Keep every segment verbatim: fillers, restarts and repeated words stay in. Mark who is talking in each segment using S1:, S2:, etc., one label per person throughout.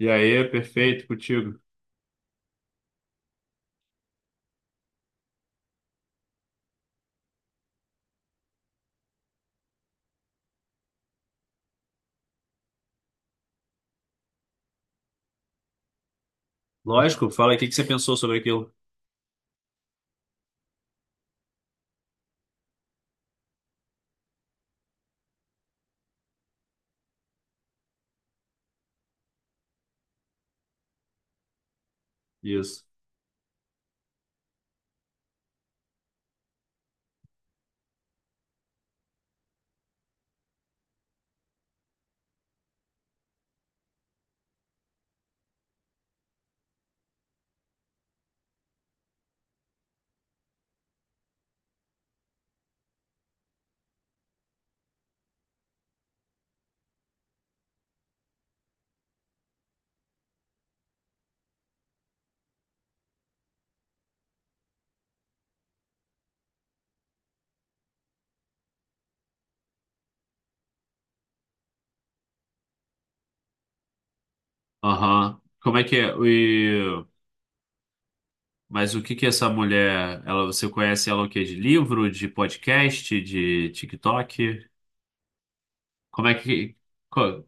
S1: E aí, perfeito, contigo. Lógico, fala aí o que que você pensou sobre aquilo. Isso. Aham. Como é que é? E... Mas o que que essa mulher, ela, você conhece ela o quê? De livro, de podcast, de TikTok? Como é que... co-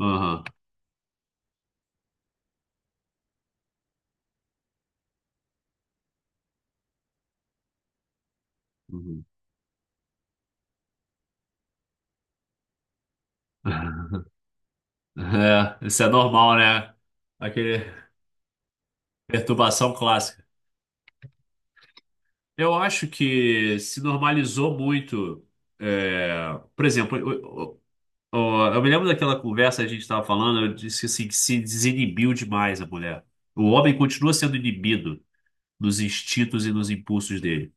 S1: Aham. Uhum. É, isso é normal, né? Aquele perturbação clássica. Eu acho que se normalizou muito. é, Por exemplo, ó, eu me lembro daquela conversa que a gente estava falando, eu disse assim, que se desinibiu demais a mulher. O homem continua sendo inibido dos instintos e dos impulsos dele.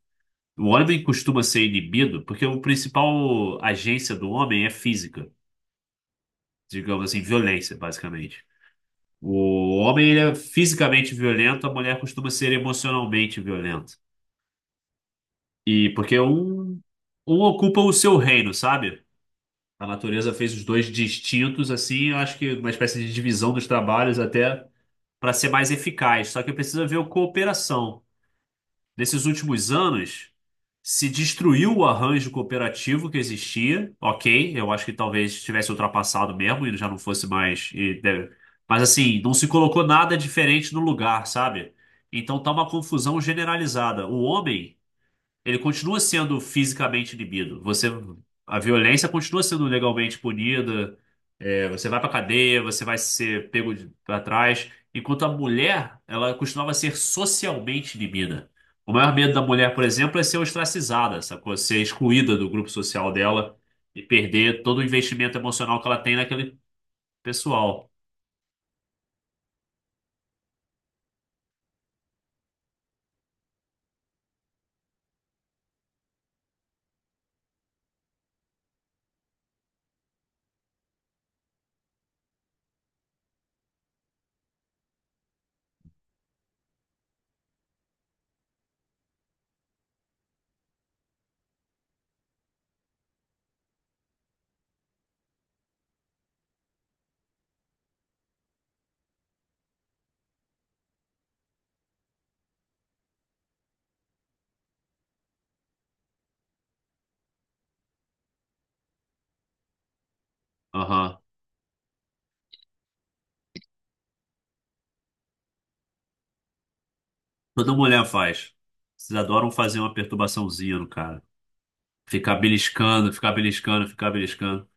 S1: O homem costuma ser inibido porque o principal agência do homem é física, digamos assim, violência, basicamente. O homem ele é fisicamente violento, a mulher costuma ser emocionalmente violenta. E porque um, um ocupa o seu reino, sabe? A natureza fez os dois distintos, assim, eu acho que uma espécie de divisão dos trabalhos até para ser mais eficaz. Só que precisa ver o cooperação. Nesses últimos anos, se destruiu o arranjo cooperativo que existia. Ok, eu acho que talvez tivesse ultrapassado mesmo e já não fosse mais. e deve- Mas assim, não se colocou nada diferente no lugar, sabe? Então tá uma confusão generalizada. O homem, ele continua sendo fisicamente inibido. Você, a violência continua sendo legalmente punida. Você vai pra cadeia, você vai ser pego de- Pra trás. Enquanto a mulher, ela costumava ser socialmente inibida. O maior medo da mulher, por exemplo, é ser ostracizada, sacou? Ser excluída do grupo social dela e perder todo o investimento emocional que ela tem naquele pessoal. Aham. Toda mulher faz. Vocês adoram fazer uma perturbaçãozinha no cara. Ficar beliscando, ficar beliscando, ficar beliscando.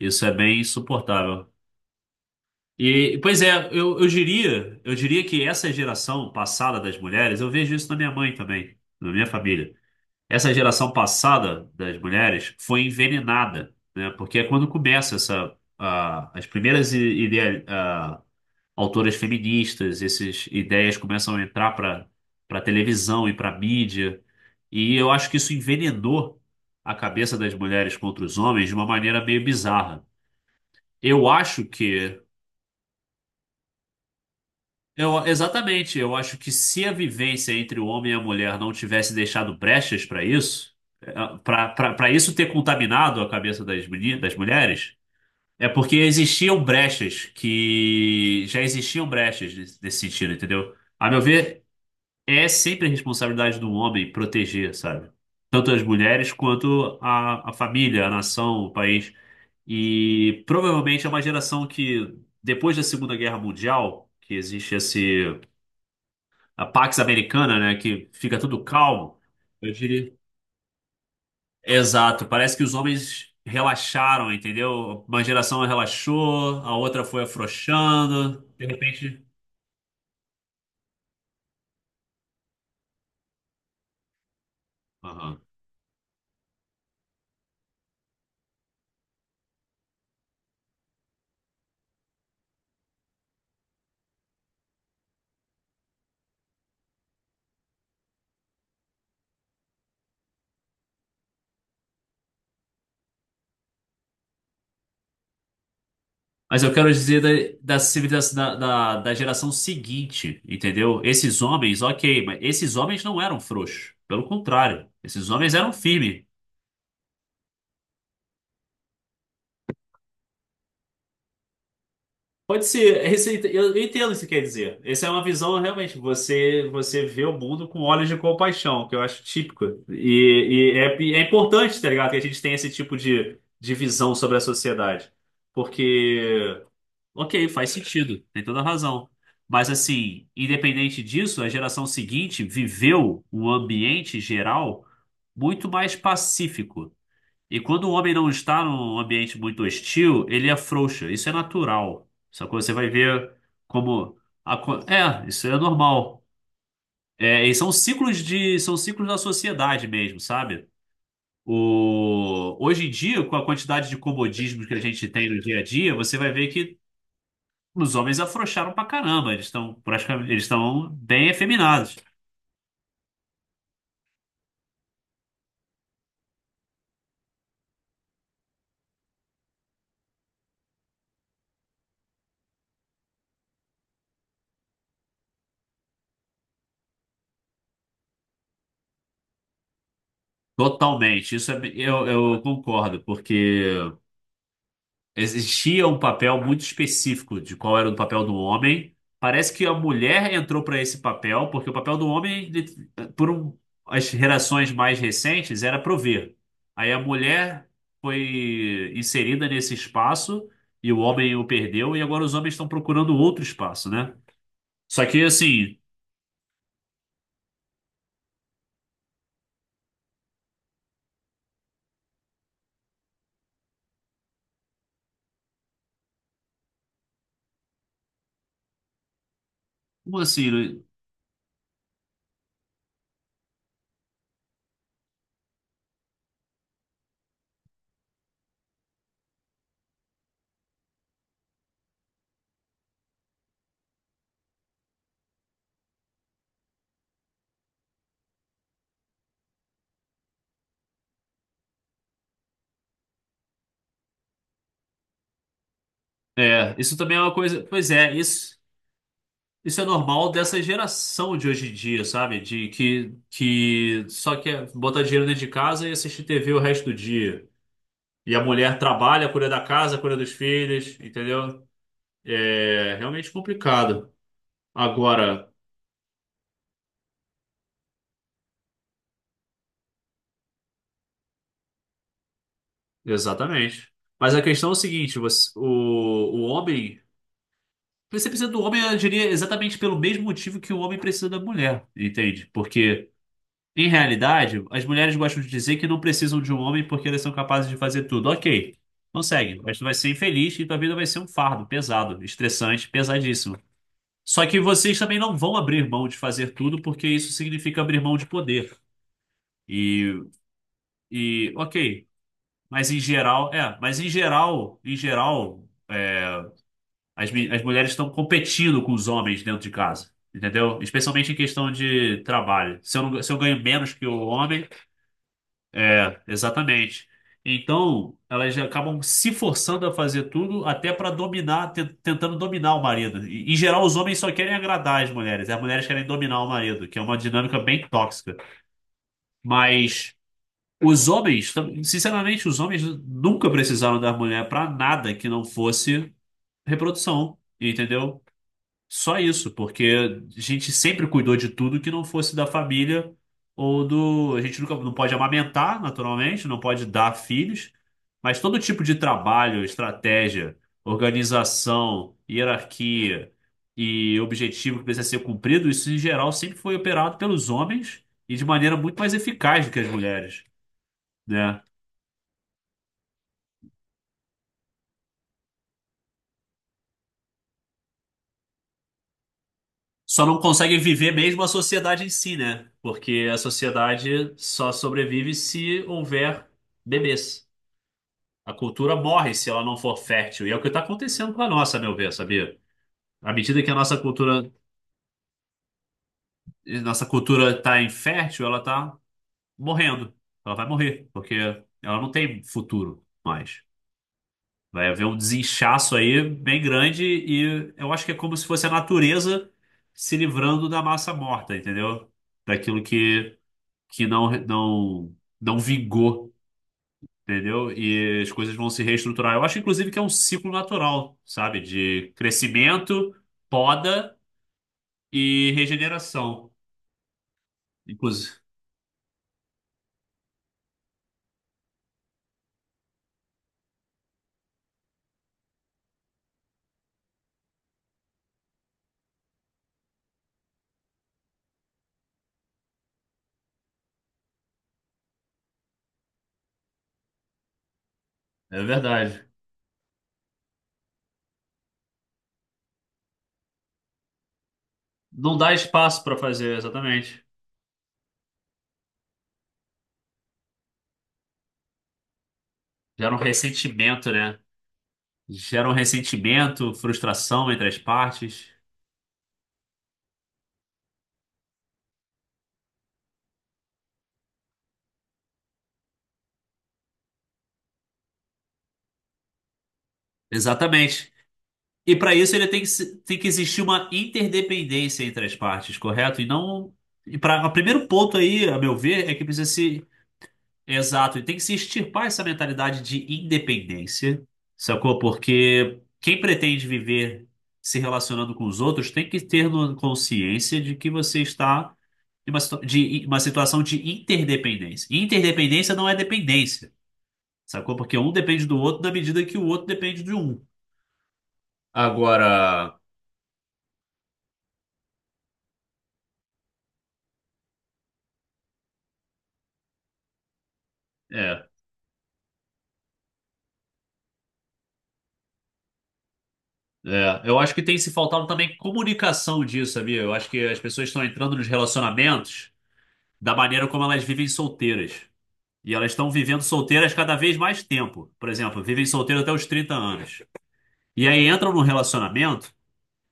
S1: Isso é bem insuportável. E, pois é, eu, eu diria, eu diria que essa geração passada das mulheres, eu vejo isso na minha mãe também, na minha família. Essa geração passada das mulheres foi envenenada, né? Porque é quando começa essa, a- as primeiras i- idea- a- autoras feministas, essas ideias começam a entrar para para televisão e para mídia, e eu acho que isso envenenou a cabeça das mulheres contra os homens de uma maneira meio bizarra. Eu acho que Eu, exatamente, eu acho que se a vivência entre o homem e a mulher não tivesse deixado brechas para isso, para isso ter contaminado a cabeça das, meni- das mulheres, é porque existiam brechas que já existiam brechas nesse nesse sentido, entendeu? A meu ver, é sempre a responsabilidade do homem proteger, sabe? Tanto as mulheres quanto a, a família, a nação, o país. E provavelmente é uma geração que, depois da Segunda Guerra Mundial, que existe esse a Pax Americana, né? Que fica tudo calmo. Eu diria. Exato. Parece que os homens relaxaram, entendeu? Uma geração relaxou, a outra foi afrouxando. De repente. Aham. Mas eu quero dizer da, da civilização da, da, da geração seguinte, entendeu? Esses homens, ok, mas esses homens não eram frouxos. Pelo contrário, esses homens eram firmes. Pode ser, esse- eu eu entendo o que você quer dizer. Essa é uma visão, realmente, você você vê o mundo com olhos de compaixão, que eu acho típico. E, e é, e é importante, tá ligado? Que a gente tenha esse tipo de, de visão sobre a sociedade. Porque, ok, faz sentido, tem toda a razão. Mas, assim, independente disso, a geração seguinte viveu um ambiente geral muito mais pacífico. E quando o homem não está num ambiente muito hostil, ele afrouxa. Isso é natural. Só que você vai ver como. a co- É, isso é normal. É, e são ciclos de, são ciclos da sociedade mesmo, sabe? O, hoje em dia, com a quantidade de comodismos que a gente tem no dia a dia, você vai ver que os homens afrouxaram pra caramba. Eles estão praticamente, eles estão bem efeminados. Totalmente. Isso é, eu, eu concordo, porque existia um papel muito específico de qual era o papel do homem. Parece que a mulher entrou para esse papel, porque o papel do homem, ele- por um- as gerações mais recentes, era prover. Aí a mulher foi inserida nesse espaço e o homem o perdeu, e agora os homens estão procurando outro espaço, né? Só que assim, como assim? Né? É, isso também é uma coisa. Pois é, isso. Isso é normal dessa geração de hoje em dia, sabe? De que, que só quer botar dinheiro dentro de casa e assistir T V o resto do dia. E a mulher trabalha, cuida da casa, cuida dos filhos, entendeu? É realmente complicado. Agora, exatamente. Mas a questão é o seguinte, você, o, o homem, você precisa do homem, eu diria, exatamente pelo mesmo motivo que o homem precisa da mulher, entende? Porque em realidade, as mulheres gostam de dizer que não precisam de um homem porque elas são capazes de fazer tudo. Ok, consegue, mas tu vai ser infeliz e tua vida vai ser um fardo pesado, estressante, pesadíssimo. Só que vocês também não vão abrir mão de fazer tudo porque isso significa abrir mão de poder. E, e ok, mas em geral, é, mas em geral, em geral, as, mi- as mulheres estão competindo com os homens dentro de casa, entendeu? Especialmente em questão de trabalho. Se eu, não- se eu ganho menos que o homem. É, exatamente. Então, elas já acabam se forçando a fazer tudo até para dominar, te- tentando dominar o marido. E, em geral, os homens só querem agradar as mulheres, as mulheres querem dominar o marido, que é uma dinâmica bem tóxica. Mas os homens, tam- sinceramente, os homens nunca precisaram da mulher para nada que não fosse reprodução, entendeu? Só isso, porque a gente sempre cuidou de tudo que não fosse da família ou do. A gente nunca não pode amamentar, naturalmente, não pode dar filhos, mas todo tipo de trabalho, estratégia, organização, hierarquia e objetivo que precisa ser cumprido, isso em geral sempre foi operado pelos homens e de maneira muito mais eficaz do que as mulheres, né? Só não conseguem viver mesmo a sociedade em si, né? Porque a sociedade só sobrevive se houver bebês. A cultura morre se ela não for fértil. E é o que está acontecendo com a nossa, a meu ver, sabia? À medida que a nossa cultura, nossa cultura está infértil, ela está morrendo. Ela vai morrer, porque ela não tem futuro mais. Vai haver um desinchaço aí bem grande e eu acho que é como se fosse a natureza se livrando da massa morta, entendeu? Daquilo que, que não, não, não vingou. Entendeu? E as coisas vão se reestruturar. Eu acho, inclusive, que é um ciclo natural, sabe? De crescimento, poda e regeneração. Inclusive, é verdade. Não dá espaço para fazer, exatamente. Gera um ressentimento, né? Gera um ressentimento, frustração entre as partes. Exatamente. E para isso ele tem que, se- tem que existir uma interdependência entre as partes, correto? E não. E para, o primeiro ponto aí, a meu ver, é que precisa se exato, e tem que se extirpar essa mentalidade de independência, sacou? Porque quem pretende viver se relacionando com os outros tem que ter no- consciência de que você está em uma, situa- de, em uma situação de interdependência. E interdependência não é dependência, sacou? Porque um depende do outro na medida que o outro depende de um. Agora, é, é, eu acho que tem se faltado também comunicação disso, sabia? Eu acho que as pessoas estão entrando nos relacionamentos da maneira como elas vivem solteiras. E elas estão vivendo solteiras cada vez mais tempo. Por exemplo, vivem solteiras até os trinta anos. E aí entram num relacionamento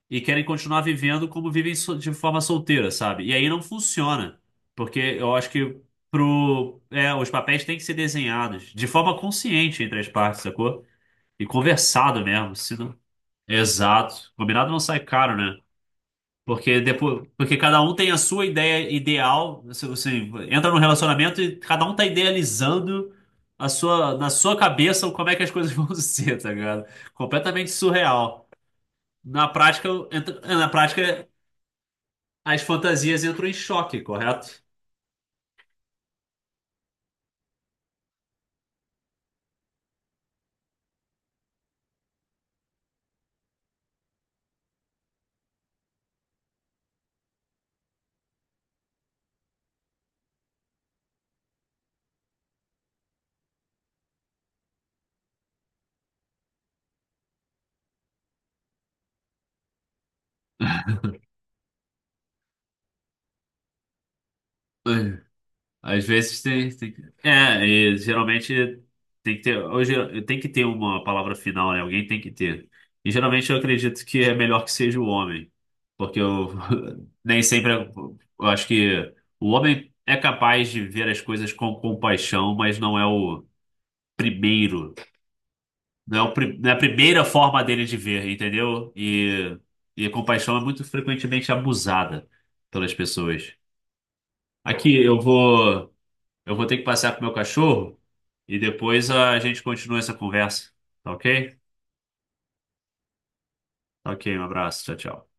S1: e querem continuar vivendo como vivem so- de forma solteira, sabe? E aí não funciona. Porque eu acho que pro, é, os papéis têm que ser desenhados de forma consciente entre as partes, sacou? E conversado mesmo. Se não... Exato. Combinado não sai caro, né? Porque depois, porque cada um tem a sua ideia ideal. Você, você entra num relacionamento e cada um tá idealizando a sua, na sua cabeça como é que as coisas vão ser, tá ligado? Completamente surreal. Na prática, entra- na prática, as fantasias entram em choque, correto? Às vezes tem, tem que- é, e geralmente tem que ter. Hoje tem que ter uma palavra final, né? Alguém tem que ter. E geralmente eu acredito que é melhor que seja o homem. Porque eu nem sempre. Eu acho que o homem é capaz de ver as coisas com compaixão, mas não é o primeiro. Não é, o, pri- não é a primeira forma dele de ver, entendeu? E, e a compaixão é muito frequentemente abusada pelas pessoas. Aqui eu vou. Eu vou ter que passear com o meu cachorro. E depois a gente continua essa conversa. Tá ok? Tá ok, um abraço. Tchau, tchau.